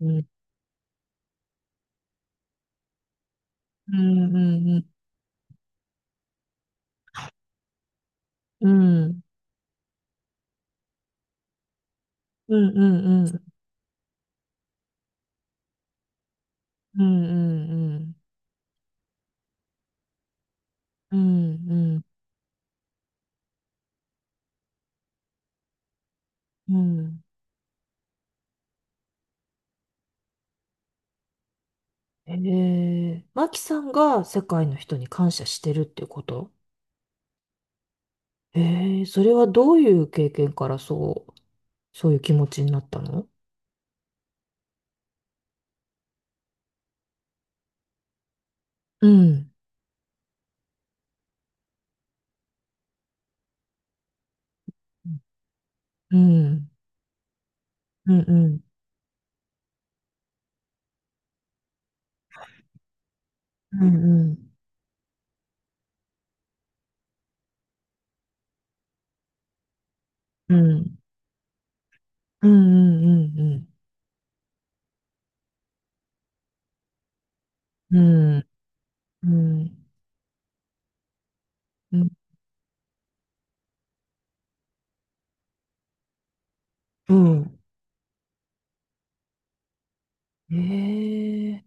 うん、うん、うん、うん、うん、うん、うん、うん、うん、うん、うん、うん。ええ、マキさんが世界の人に感謝してるっていうこと？ええ、それはどういう経験からそう、そういう気持ちになったの？うん、うん、うん、うん、うん、うん、うん、うん、うん、うん、うん、うん、うん、ええ、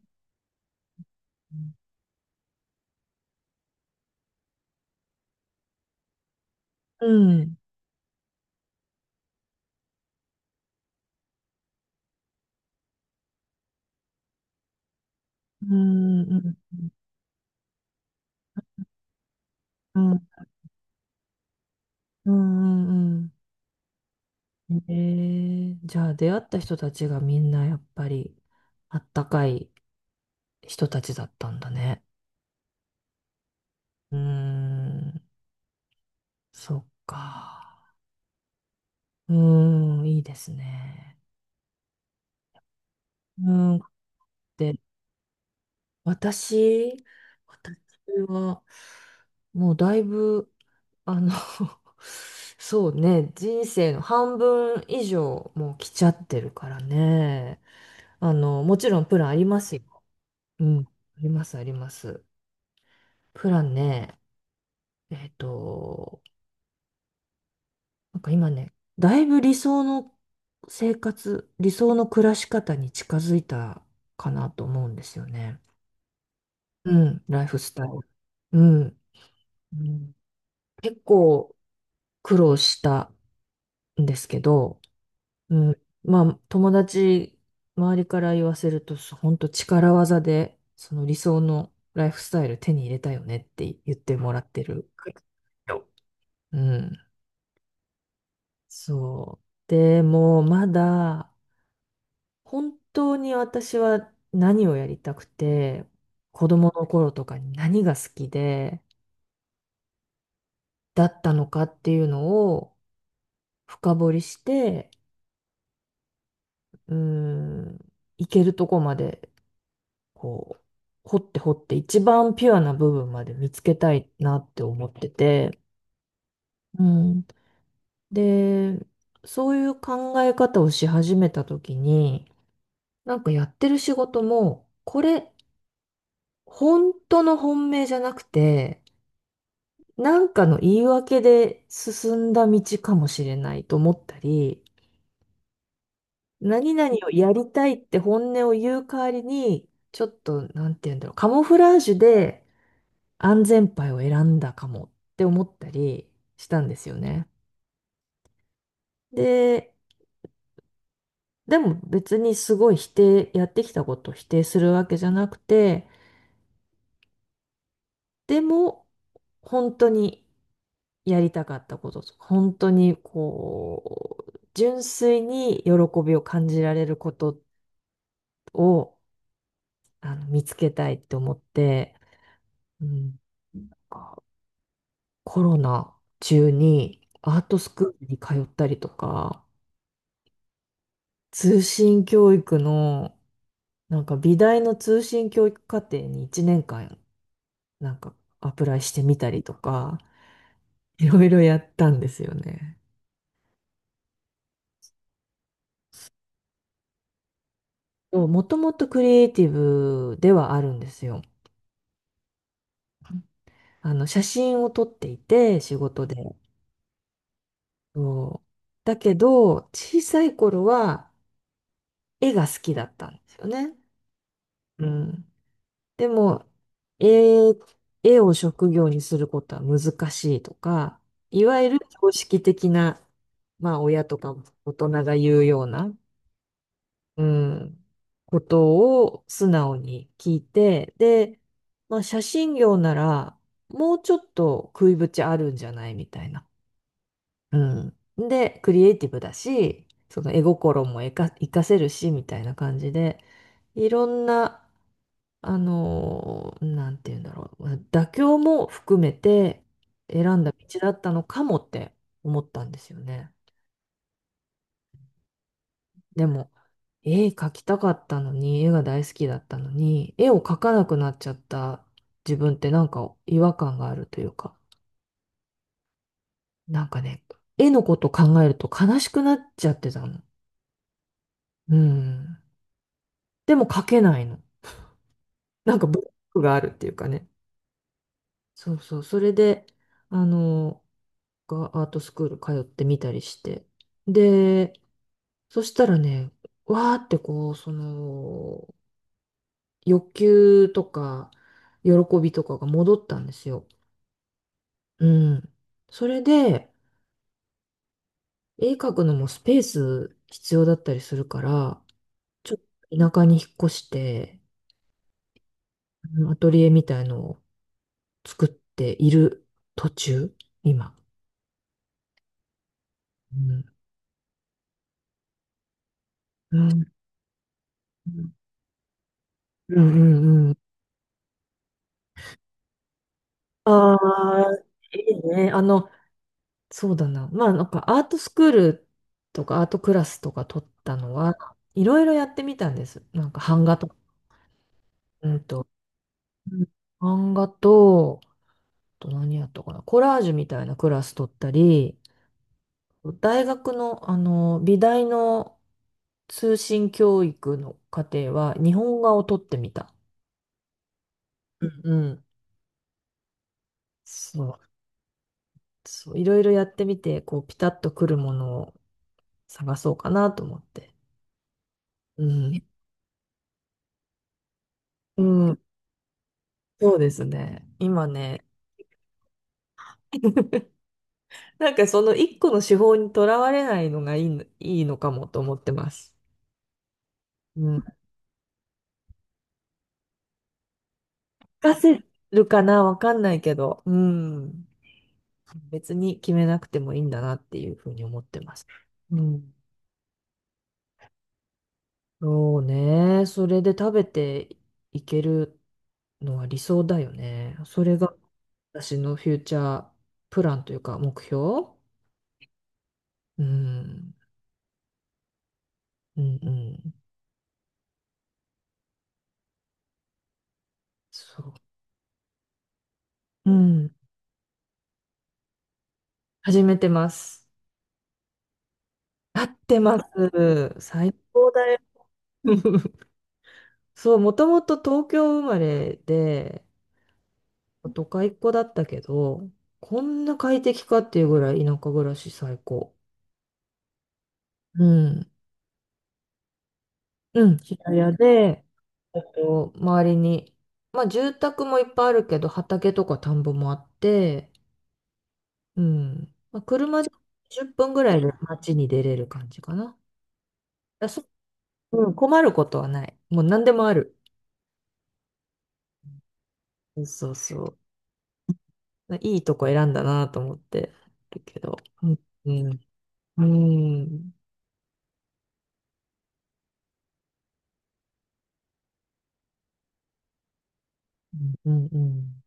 うん、うん、うん、うん、うんうんうん。じゃあ出会った人たちがみんなやっぱりあったかい人たちだったんだね。うーん、そっか。うーん、いいですね。うーん。で、私、私は、もうだいぶ、あの そうね、人生の半分以上もう来ちゃってるからね。もちろんプランありますよ。うん、あります、あります。プランね、えっと、なんか今ね、だいぶ理想の生活、理想の暮らし方に近づいたかなと思うんですよね。うん、ライフスタイル。うん。うん、結構苦労したんですけど、うん、まあ友達、周りから言わせると、本当力技で、その理想のライフスタイル手に入れたよねって言ってもらってる。うん。そう。でも、まだ、本当に私は何をやりたくて、子供の頃とかに何が好きで、だったのかっていうのを深掘りして、うーん、いけるとこまで、こう、掘って掘って、一番ピュアな部分まで見つけたいなって思ってて、うん。で、そういう考え方をし始めた時に、なんかやってる仕事も、これ、本当の本命じゃなくて、なんかの言い訳で進んだ道かもしれないと思ったり、何々をやりたいって本音を言う代わりに、ちょっと、なんて言うんだろう、カモフラージュで安全牌を選んだかもって思ったりしたんですよね。で、でも別にすごい否定、やってきたことを否定するわけじゃなくて、でも、本当にやりたかったこととか、本当にこう、純粋に喜びを感じられることを見つけたいって思って、うん、コロナ中にアートスクールに通ったりとか、通信教育の、なんか美大の通信教育課程に1年間、なんかアプライしてみたりとか、いろいろやったんですよね。もともとクリエイティブではあるんですよ。写真を撮っていて、仕事で。そう。だけど、小さい頃は絵が好きだったんですよね。うん。でも、絵、絵を職業にすることは難しいとか、いわゆる常識的な、まあ、親とか大人が言うような、うん、ことを素直に聞いて、で、まあ、写真業なら、もうちょっと食いぶちあるんじゃないみたいな。うん。で、クリエイティブだし、その絵心も活かせるし、みたいな感じで、いろんな、なんて言うんだろう、妥協も含めて選んだ道だったのかもって思ったんですよね。でも、絵描きたかったのに、絵が大好きだったのに、絵を描かなくなっちゃった自分ってなんか違和感があるというか、なんかね、絵のこと考えると悲しくなっちゃってたの。うん。でも描けないの。なんかブロックがあるっていうかね。そうそう。それで、あの、がアートスクール通ってみたりして。で、そしたらね、わーってこう、その、欲求とか、喜びとかが戻ったんですよ。うん。それで、絵描くのもスペース必要だったりするから、ちょっと田舎に引っ越して、うん、アトリエみたいのを作っている途中、今。うん。うんうんうんうん。ああ、いいね。そうだな。まあ、なんかアートスクールとかアートクラスとか取ったのは、いろいろやってみたんです。なんか版画とか、うんと、うん、版画と、あと何やったかな、コラージュみたいなクラス取ったり、大学の、美大の通信教育の課程は日本画を取ってみた。うんうん。そう、そう、いろいろやってみて、こう、ピタッとくるものを探そうかなと思って。うん。ね、うん。そうですね。今ね、なんかその一個の手法にとらわれないのがいいのかもと思ってます。うん。活かせるかなわかんないけど、うん。別に決めなくてもいいんだなっていうふうに思ってます。うん。そうね。それで食べていけるのは理想だよね。それが私のフューチャープランというか目標。うん。うんうん。そう。うん。始めてます。合ってます。最高だよ。そう、もともと東京生まれで、都会っ子だったけど、こんな快適かっていうぐらい田舎暮らし最高。うん。うん。平屋で、周りに、まあ住宅もいっぱいあるけど、畑とか田んぼもあって、うん。まあ、車で10分ぐらいで街に出れる感じかな。だ、うん、困ることはない。もう何でもある。そうそう、いいとこ選んだなと思ってるけど。うん、うん、うん、うん、うん。